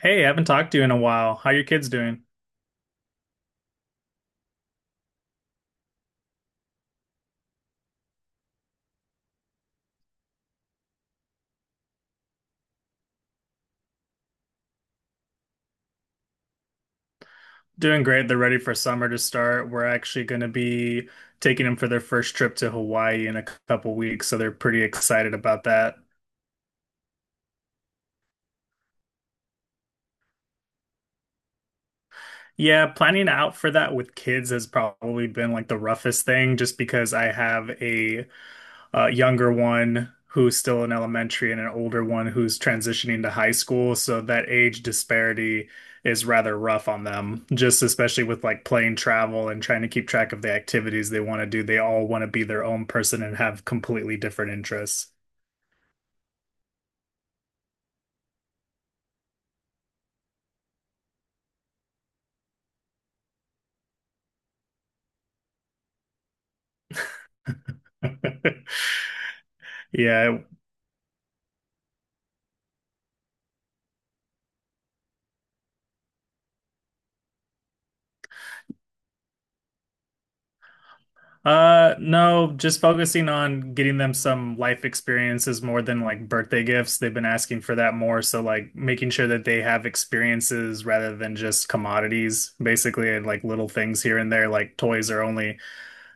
Hey, I haven't talked to you in a while. How your kids doing? Doing great. They're ready for summer to start. We're actually going to be taking them for their first trip to Hawaii in a couple weeks, so they're pretty excited about that. Yeah, planning out for that with kids has probably been like the roughest thing just because I have a younger one who's still in elementary and an older one who's transitioning to high school. So that age disparity is rather rough on them, just especially with like plane travel and trying to keep track of the activities they want to do. They all want to be their own person and have completely different interests. Yeah. No, just focusing on getting them some life experiences more than like birthday gifts. They've been asking for that more, so like making sure that they have experiences rather than just commodities, basically, and like little things here and there. Like toys are only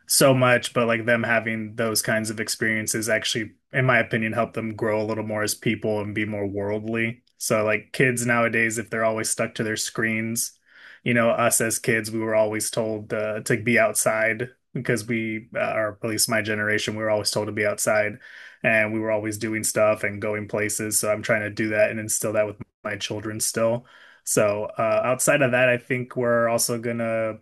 so much, but like them having those kinds of experiences actually, in my opinion, help them grow a little more as people and be more worldly. So like kids nowadays, if they're always stuck to their screens, you know, us as kids, we were always told to be outside because we, or at least my generation, we were always told to be outside and we were always doing stuff and going places. So I'm trying to do that and instill that with my children still. So outside of that, I think we're also gonna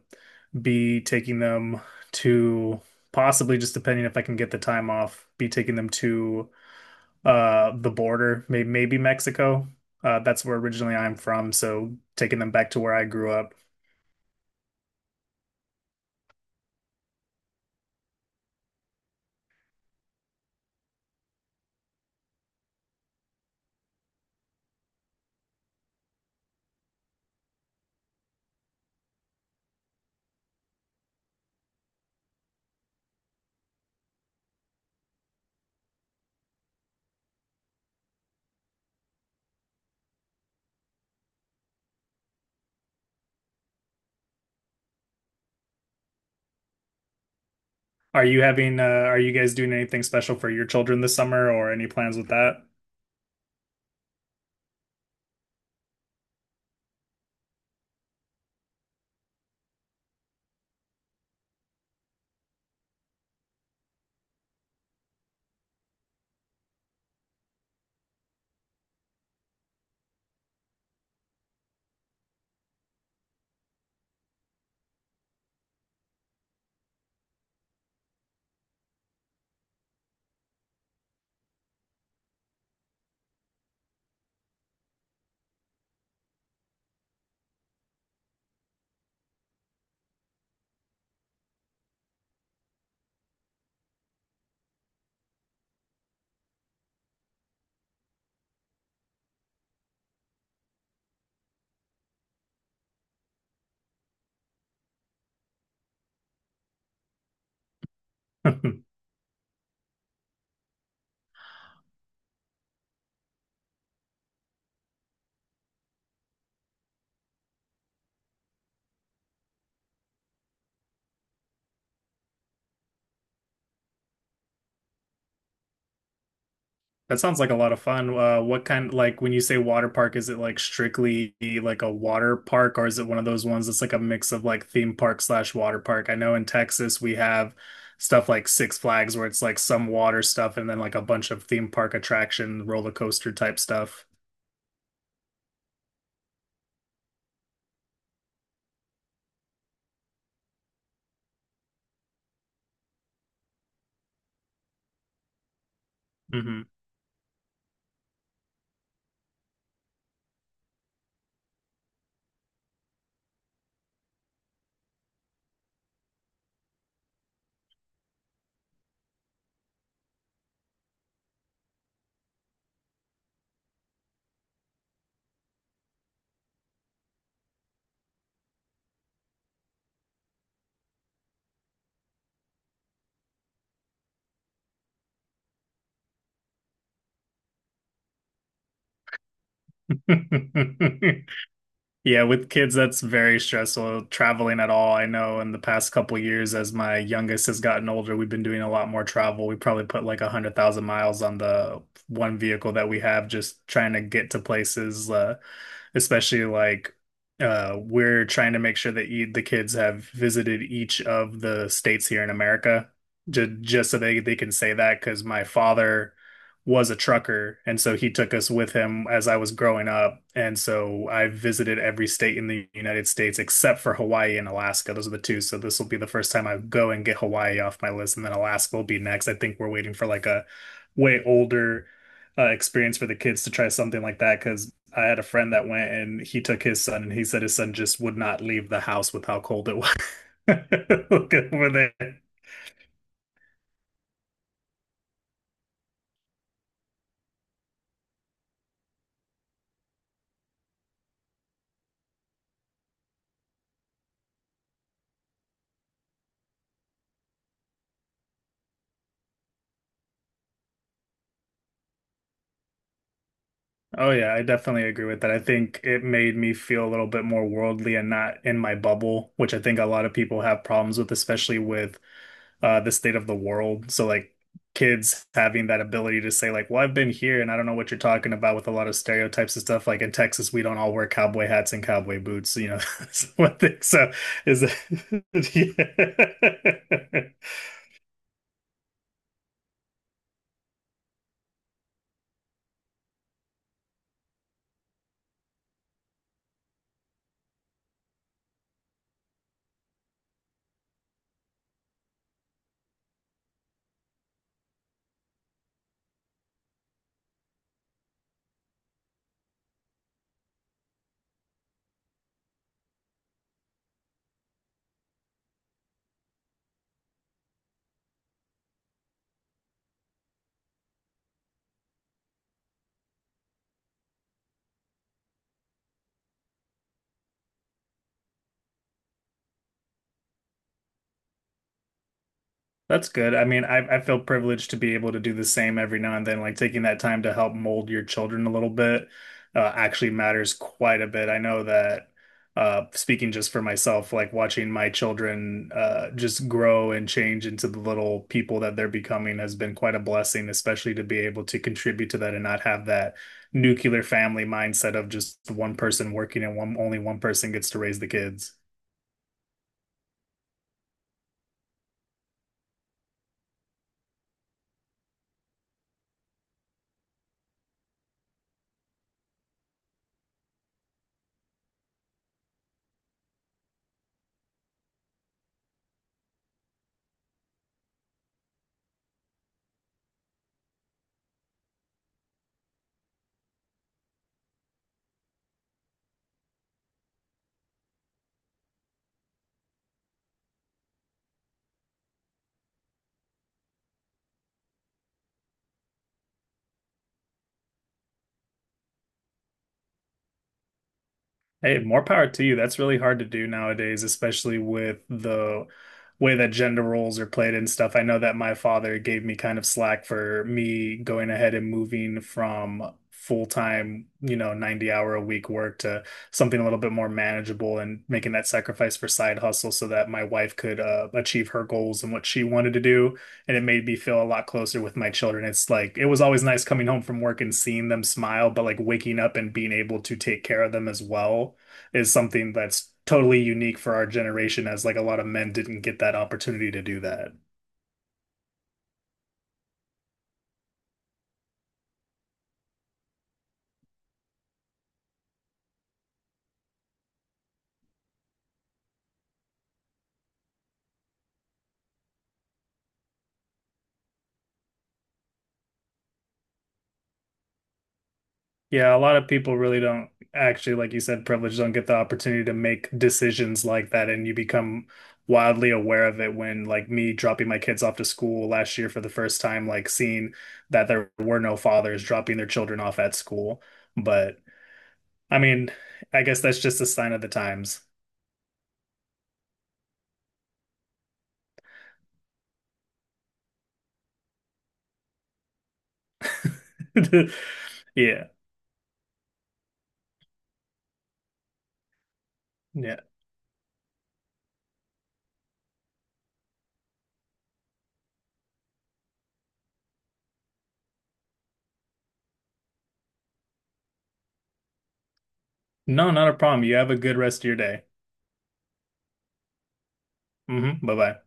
be taking them to possibly, just depending if I can get the time off, be taking them to the border, maybe Mexico. That's where originally I'm from, so taking them back to where I grew up. Are you having are you guys doing anything special for your children this summer or any plans with that? That sounds like a lot of fun. What kind, like when you say water park, is it like strictly like a water park, or is it one of those ones that's like a mix of like theme park slash water park? I know in Texas we have stuff like Six Flags where it's like some water stuff and then like a bunch of theme park attraction, roller coaster type stuff. hmm Yeah, with kids, that's very stressful traveling at all. I know in the past couple years, as my youngest has gotten older, we've been doing a lot more travel. We probably put like a hundred thousand miles on the one vehicle that we have, just trying to get to places. Especially like we're trying to make sure that e the kids have visited each of the states here in America, just so they can say that because my father was a trucker, and so he took us with him as I was growing up, and so I visited every state in the United States except for Hawaii and Alaska. Those are the two. So this will be the first time I go and get Hawaii off my list, and then Alaska will be next. I think we're waiting for like a way older experience for the kids to try something like that because I had a friend that went and he took his son and he said his son just would not leave the house with how cold it was. Look over there. Oh yeah, I definitely agree with that. I think it made me feel a little bit more worldly and not in my bubble, which I think a lot of people have problems with, especially with the state of the world. So like kids having that ability to say like, well, I've been here and I don't know what you're talking about with a lot of stereotypes and stuff. Like in Texas, we don't all wear cowboy hats and cowboy boots, you know. So, I think so is it? Yeah. That's good. I mean, I feel privileged to be able to do the same every now and then. Like taking that time to help mold your children a little bit, actually matters quite a bit. I know that, speaking just for myself, like watching my children just grow and change into the little people that they're becoming has been quite a blessing, especially to be able to contribute to that and not have that nuclear family mindset of just one person working and one only one person gets to raise the kids. Hey, more power to you. That's really hard to do nowadays, especially with the way that gender roles are played and stuff. I know that my father gave me kind of slack for me going ahead and moving from full-time, you know, 90 hour a week work to something a little bit more manageable and making that sacrifice for side hustle so that my wife could achieve her goals and what she wanted to do, and it made me feel a lot closer with my children. It's like it was always nice coming home from work and seeing them smile, but like waking up and being able to take care of them as well is something that's totally unique for our generation, as like a lot of men didn't get that opportunity to do that. Yeah, a lot of people really don't actually, like you said, privileged, don't get the opportunity to make decisions like that, and you become wildly aware of it when like me dropping my kids off to school last year for the first time, like seeing that there were no fathers dropping their children off at school. But I mean, I guess that's just a sign of the times. Yeah. Yeah. No, not a problem. You have a good rest of your day. Hmm bye-bye.